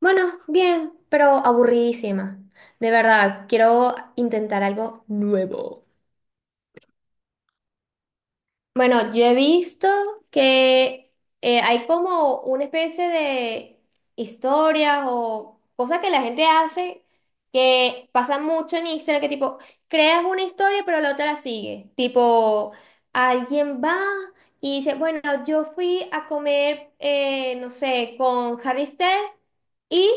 Bueno, bien, pero aburridísima. De verdad, quiero intentar algo. Bueno, yo he visto que hay como una especie de historias o cosas que la gente hace que pasa mucho en Instagram, que tipo, creas una historia pero la otra la sigue. Tipo, alguien va y dice, bueno, yo fui a comer, no sé, con Harry Styles y...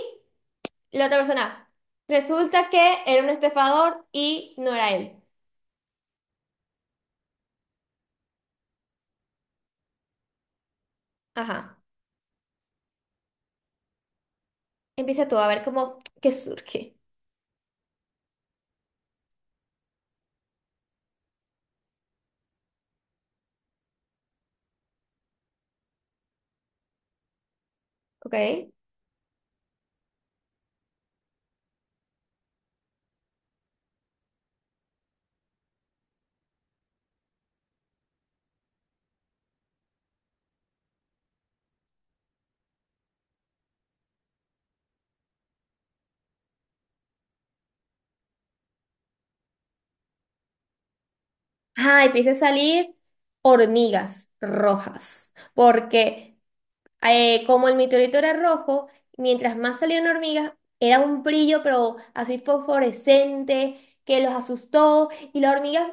La otra persona, resulta que era un estafador y no era él. Ajá. Empieza tú a ver cómo, qué surge. ¿Ok? Ajá, empieza a salir hormigas rojas, porque como el meteorito era rojo, mientras más salían hormigas, era un brillo, pero así fosforescente, que los asustó. Y las hormigas,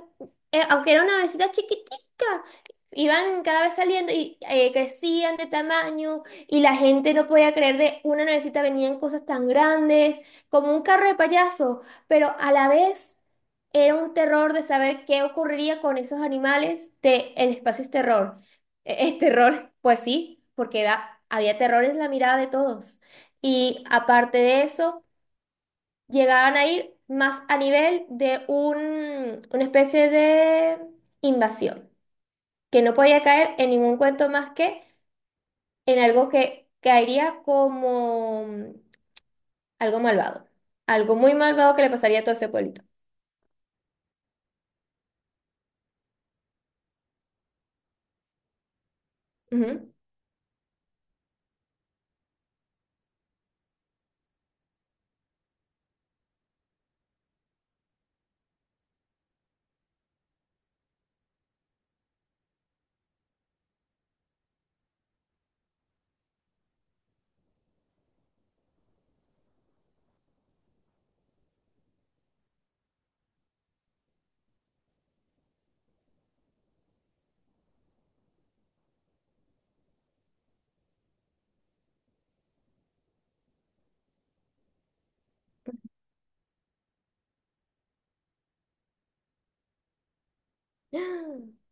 aunque era una avecita chiquitica, iban cada vez saliendo y crecían de tamaño. Y la gente no podía creer de una navecita venían cosas tan grandes, como un carro de payaso. Pero a la vez era un terror de saber qué ocurriría con esos animales. De El espacio es terror. Es terror, pues sí, porque había terror en la mirada de todos. Y aparte de eso, llegaban a ir más a nivel de una especie de invasión, que no podía caer en ningún cuento más que en algo que caería como algo malvado, algo muy malvado que le pasaría a todo ese pueblito. Ujú.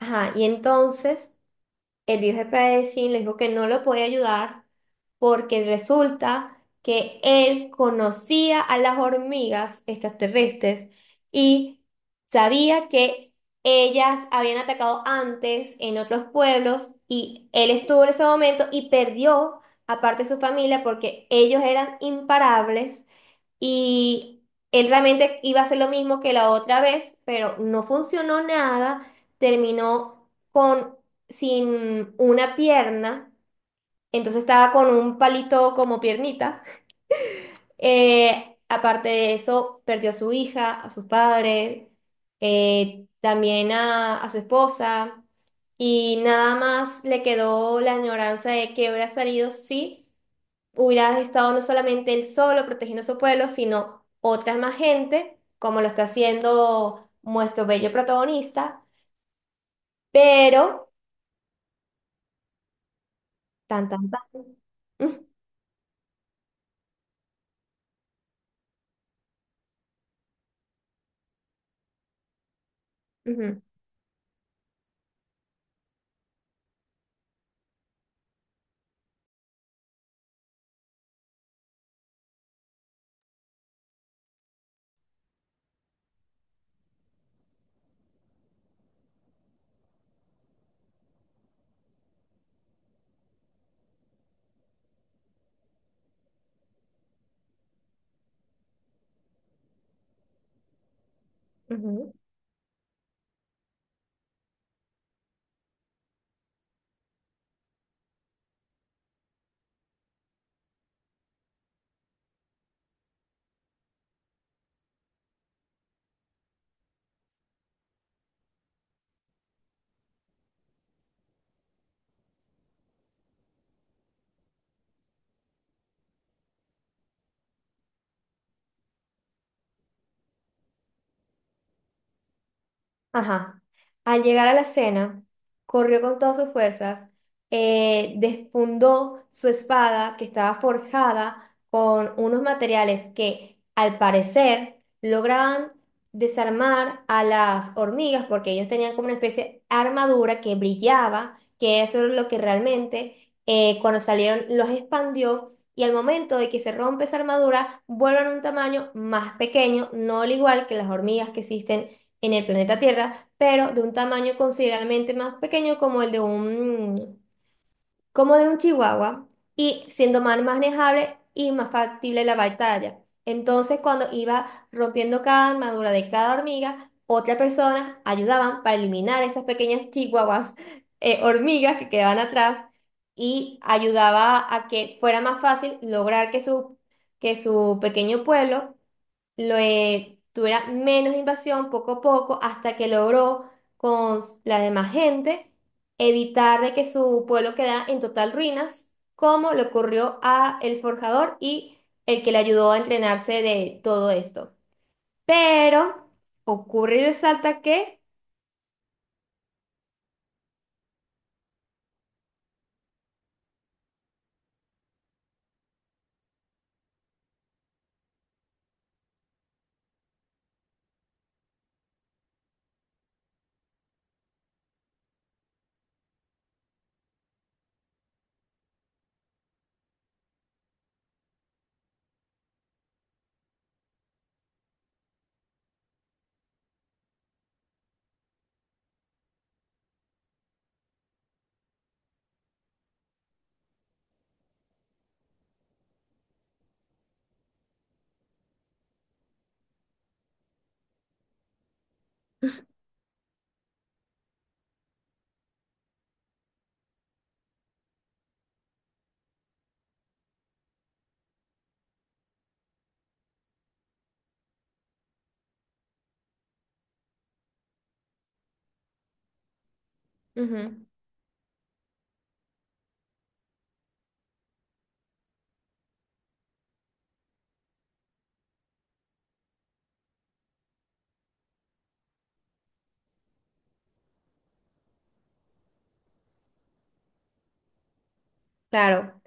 Ajá, y entonces el viejo jefe de Shin le dijo que no lo podía ayudar porque resulta que él conocía a las hormigas extraterrestres y sabía que ellas habían atacado antes en otros pueblos y él estuvo en ese momento y perdió aparte su familia porque ellos eran imparables y él realmente iba a hacer lo mismo que la otra vez, pero no funcionó nada. Terminó con sin una pierna, entonces estaba con un palito como piernita. Aparte de eso, perdió a su hija, a sus padres, también a su esposa. Y nada más le quedó la añoranza de que hubiera salido, sí hubiera estado no solamente él solo protegiendo su pueblo, sino otras más gente, como lo está haciendo nuestro bello protagonista, pero tan, tan, tan. Ujú, ujú, ujú. Ajá. Al llegar a la escena, corrió con todas sus fuerzas, desfundó su espada que estaba forjada con unos materiales que, al parecer, lograban desarmar a las hormigas porque ellos tenían como una especie de armadura que brillaba, que eso es lo que realmente, cuando salieron, los expandió. Y al momento de que se rompe esa armadura, vuelven a un tamaño más pequeño, no al igual que las hormigas que existen en el planeta Tierra, pero de un tamaño considerablemente más pequeño como de un chihuahua, y siendo más manejable y más factible la batalla. Entonces, cuando iba rompiendo cada armadura de cada hormiga, otras personas ayudaban para eliminar esas pequeñas chihuahuas, hormigas que quedaban atrás, y ayudaba a que fuera más fácil lograr que su pequeño pueblo lo tuviera menos invasión poco a poco hasta que logró con la demás gente evitar de que su pueblo quedara en total ruinas, como le ocurrió a el forjador y el que le ayudó a entrenarse de todo esto. Pero ocurre y resalta que. Ujú, claro.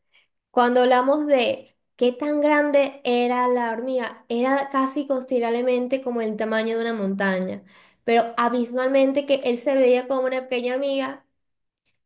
Cuando hablamos de qué tan grande era la hormiga, era casi considerablemente como el tamaño de una montaña, pero abismalmente que él se veía como una pequeña hormiga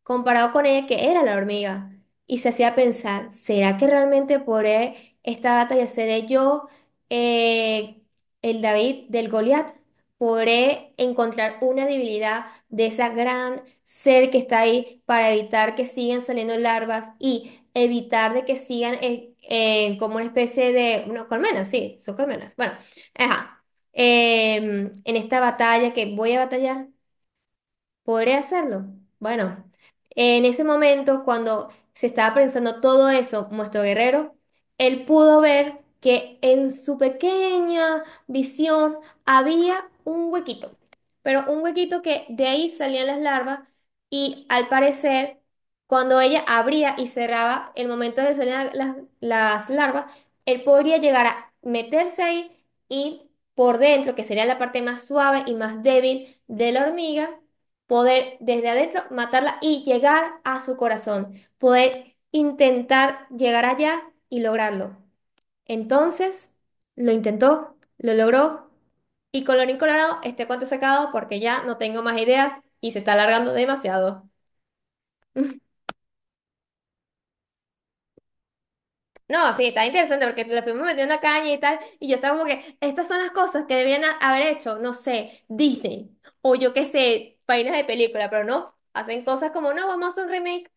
comparado con ella que era la hormiga. Y se hacía pensar, ¿será que realmente podré esta batalla seré yo, eh, el David del Goliat? ¿Podré encontrar una debilidad de esa gran ser que está ahí para evitar que sigan saliendo larvas y evitar de que sigan como una especie de, no, colmenas, sí, son colmenas? Bueno, ajá. En esta batalla que voy a batallar. Podría hacerlo. Bueno, en ese momento, cuando se estaba pensando todo eso, nuestro guerrero, él pudo ver que en su pequeña visión había un huequito, pero un huequito que de ahí salían las larvas y, al parecer, cuando ella abría y cerraba el momento de salir las larvas, él podría llegar a meterse ahí y por dentro, que sería la parte más suave y más débil de la hormiga, poder desde adentro matarla y llegar a su corazón, poder intentar llegar allá y lograrlo. Entonces, lo intentó, lo logró y colorín colorado, este cuento se ha acabado porque ya no tengo más ideas y se está alargando demasiado. No, sí, está interesante porque le fuimos metiendo caña y tal, y yo estaba como que, estas son las cosas que deberían haber hecho, no sé, Disney, o yo qué sé, páginas de película, pero no, hacen cosas como, no, vamos a hacer un remake.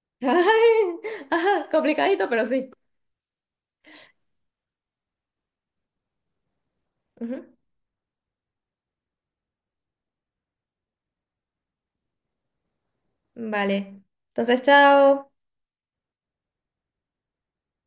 Ay, ajá, complicadito, pero sí. Ujú. Vale. Entonces, chao.